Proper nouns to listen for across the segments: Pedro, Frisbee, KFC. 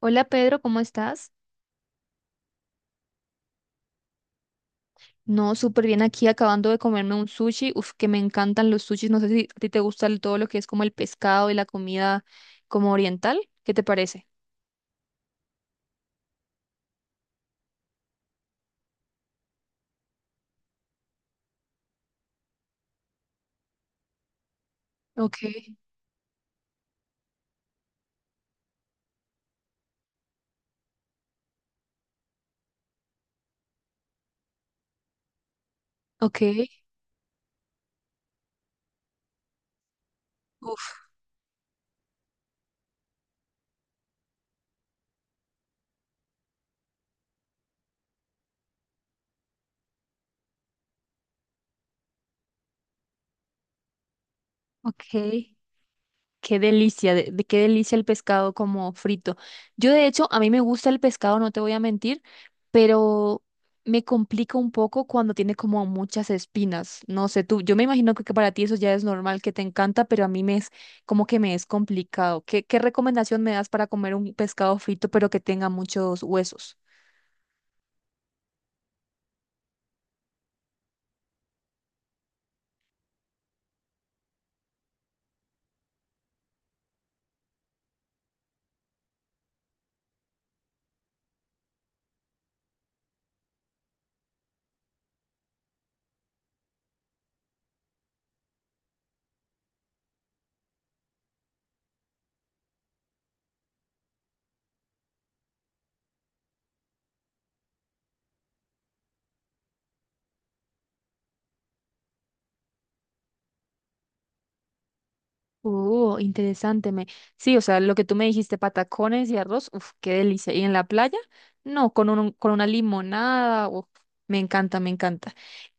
Hola Pedro, ¿cómo estás? No, súper bien aquí acabando de comerme un sushi. Uf, que me encantan los sushis. No sé si a ti te gusta todo lo que es como el pescado y la comida como oriental. ¿Qué te parece? Ok, ok, uf, ok. Qué delicia, de qué delicia el pescado como frito. Yo de hecho, a mí me gusta el pescado, no te voy a mentir, pero me complica un poco cuando tiene como muchas espinas. No sé, tú, yo me imagino que para ti eso ya es normal, que te encanta, pero a mí me es complicado. ¿Qué recomendación me das para comer un pescado frito pero que tenga muchos huesos? Interesante. Me... Sí, o sea, lo que tú me dijiste, patacones y arroz, uf, qué delicia. ¿Y en la playa? No, con con una limonada, uf, me encanta, me encanta.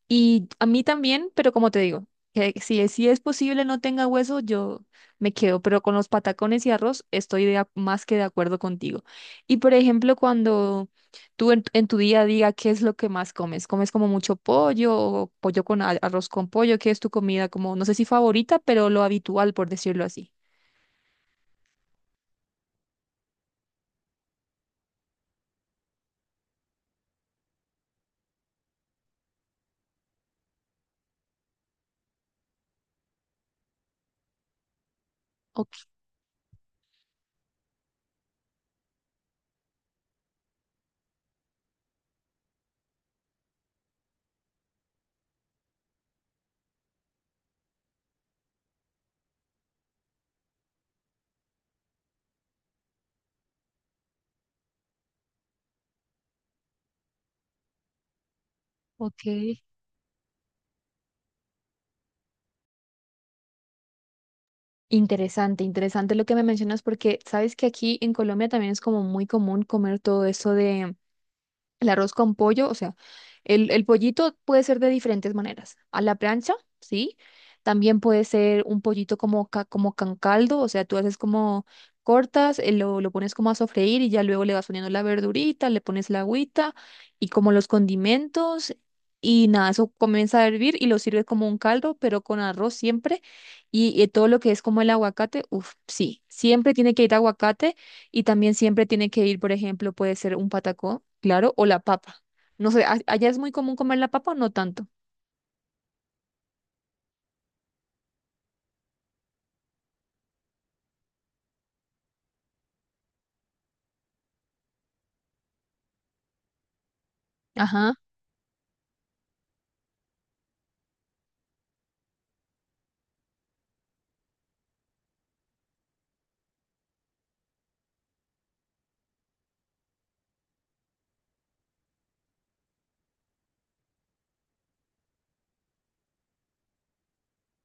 Y a mí también, pero como te digo, que si es posible no tenga hueso, yo me quedo, pero con los patacones y arroz estoy más que de acuerdo contigo. Y por ejemplo, cuando tú en tu día a día, ¿qué es lo que más comes? ¿Comes como mucho pollo o pollo con arroz con pollo? ¿Qué es tu comida como, no sé si favorita, pero lo habitual, por decirlo así? Ok, ok. Interesante, interesante lo que me mencionas porque sabes que aquí en Colombia también es como muy común comer todo eso. El arroz con pollo, o sea, el pollito puede ser de diferentes maneras. A la plancha, sí. También puede ser un pollito como, como con caldo, o sea, tú haces como cortas, lo pones como a sofreír y ya luego le vas poniendo la verdurita, le pones la agüita y como los condimentos y nada, eso comienza a hervir y lo sirves como un caldo, pero con arroz siempre y todo lo que es como el aguacate, uff, sí, siempre tiene que ir aguacate y también siempre tiene que ir, por ejemplo, puede ser un patacón, claro, o la papa. No sé, ¿allá es muy común comer la papa o no tanto? Ajá,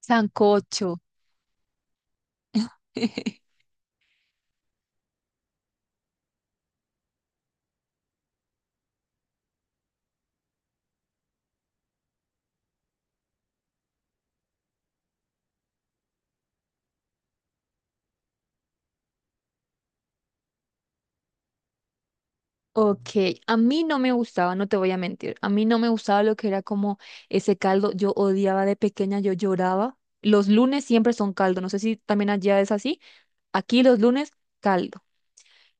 sancocho. Ok, a mí no me gustaba, no te voy a mentir, a mí no me gustaba lo que era como ese caldo, yo odiaba de pequeña, yo lloraba. Los lunes siempre son caldo, no sé si también allá es así, aquí los lunes caldo.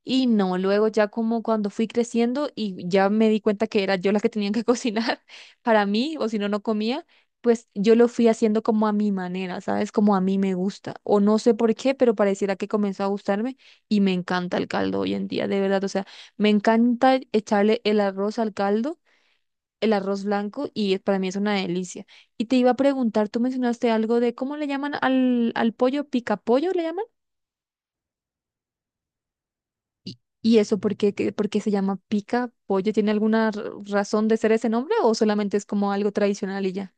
Y no, luego ya como cuando fui creciendo y ya me di cuenta que era yo la que tenía que cocinar para mí, o si no, no comía, pues yo lo fui haciendo como a mi manera, ¿sabes? Como a mí me gusta. O no sé por qué, pero pareciera que comenzó a gustarme y me encanta el caldo hoy en día, de verdad. O sea, me encanta echarle el arroz al caldo, el arroz blanco, y para mí es una delicia. Y te iba a preguntar, tú mencionaste algo de cómo le llaman al pollo, picapollo, ¿le llaman? Y eso por qué, por qué se llama pica pollo? ¿Tiene alguna razón de ser ese nombre o solamente es como algo tradicional y ya?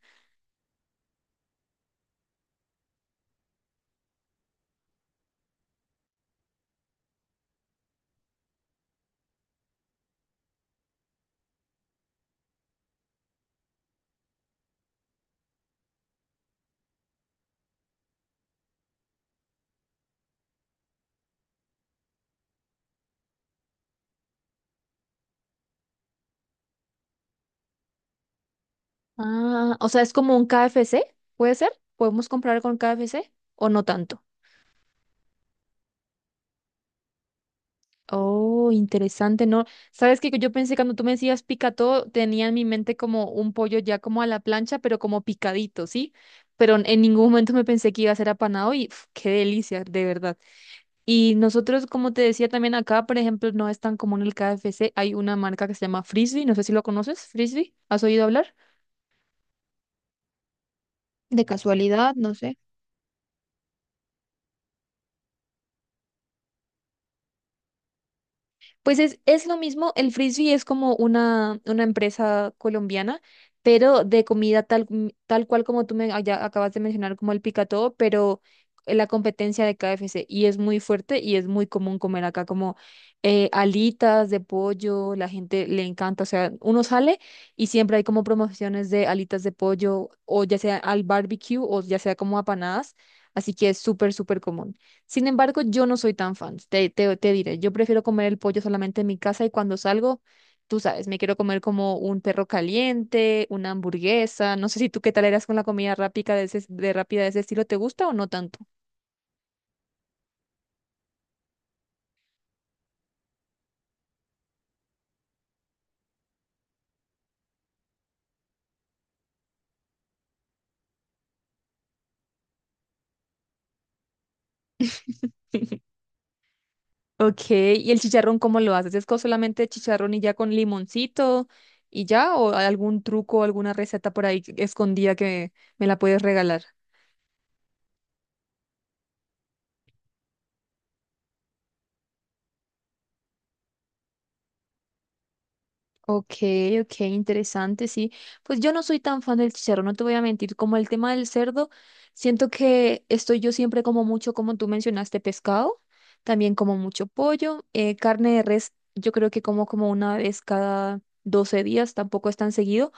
Ah, o sea, es como un KFC, ¿puede ser? ¿Podemos comprar con KFC o no tanto? Oh, interesante, ¿no? Sabes que yo pensé cuando tú me decías pica todo, tenía en mi mente como un pollo ya como a la plancha, pero como picadito, ¿sí? Pero en ningún momento me pensé que iba a ser apanado y uf, qué delicia, de verdad. Y nosotros, como te decía también acá, por ejemplo, no es tan común el KFC. Hay una marca que se llama Frisbee, no sé si lo conoces, Frisbee. ¿Has oído hablar? De casualidad, no sé. Pues es lo mismo, el Frisbee es como una empresa colombiana, pero de comida tal, tal cual como tú me allá acabas de mencionar, como el picatodo, pero la competencia de KFC y es muy fuerte y es muy común comer acá como alitas de pollo, la gente le encanta, o sea, uno sale y siempre hay como promociones de alitas de pollo o ya sea al barbecue o ya sea como apanadas, así que es súper, súper común. Sin embargo, yo no soy tan fan, te diré, yo prefiero comer el pollo solamente en mi casa y cuando salgo, tú sabes, me quiero comer como un perro caliente, una hamburguesa, no sé si tú qué tal eras con la comida rápida de ese, de ese estilo, ¿te gusta o no tanto? Ok, ¿y el chicharrón cómo lo haces? ¿Es con solamente chicharrón y ya con limoncito y ya? ¿O hay algún truco, alguna receta por ahí escondida que me la puedes regalar? Ok, ok, interesante, sí. Pues yo no soy tan fan del chicharrón, no te voy a mentir. Como el tema del cerdo, siento que estoy yo siempre como mucho, como tú mencionaste, pescado, también como mucho pollo, carne de res, yo creo que como una vez cada 12 días, tampoco es tan seguido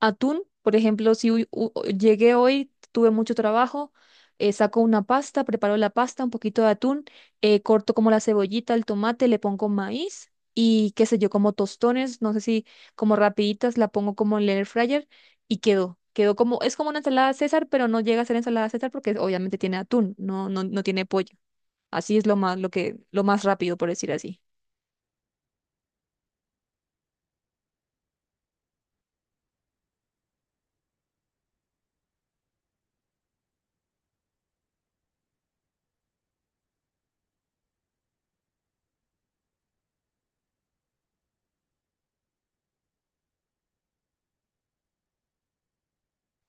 atún, por ejemplo, si llegué hoy, tuve mucho trabajo, saco una pasta, preparo la pasta, un poquito de atún, corto como la cebollita, el tomate, le pongo maíz y qué sé yo, como tostones, no sé si como rapiditas, la pongo como en el air fryer y quedó. Quedó como, es como una ensalada César, pero no llega a ser ensalada César porque obviamente tiene atún, no tiene pollo. Así es lo más, lo más rápido, por decir así.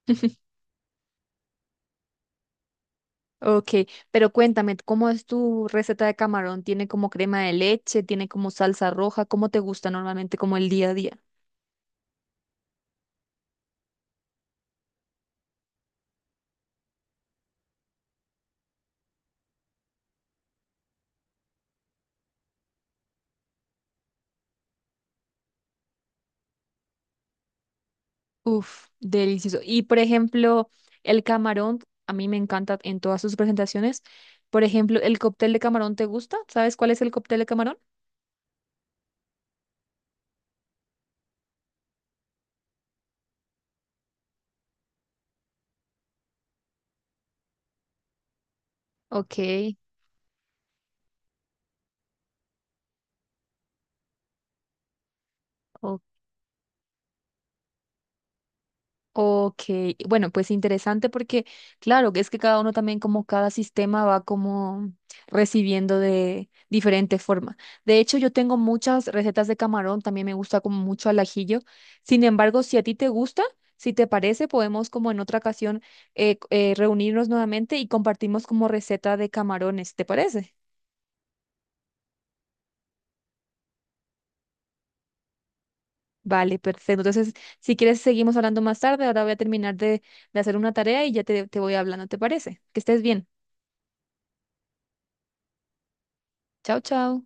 Ok, pero cuéntame, ¿cómo es tu receta de camarón? ¿Tiene como crema de leche? ¿Tiene como salsa roja? ¿Cómo te gusta normalmente como el día a día? Uf, delicioso. Y por ejemplo, el camarón, a mí me encanta en todas sus presentaciones. Por ejemplo, ¿el cóctel de camarón te gusta? ¿Sabes cuál es el cóctel de camarón? Ok, ok. Ok, bueno, pues interesante porque, claro, que es que cada uno también como cada sistema va como recibiendo de diferente forma. De hecho, yo tengo muchas recetas de camarón, también me gusta como mucho al ajillo. Sin embargo, si a ti te gusta, si te parece, podemos como en otra ocasión reunirnos nuevamente y compartimos como receta de camarones, ¿te parece? Vale, perfecto. Entonces, si quieres, seguimos hablando más tarde. Ahora voy a terminar de hacer una tarea y ya te voy hablando, ¿te parece? Que estés bien. Chao, chao.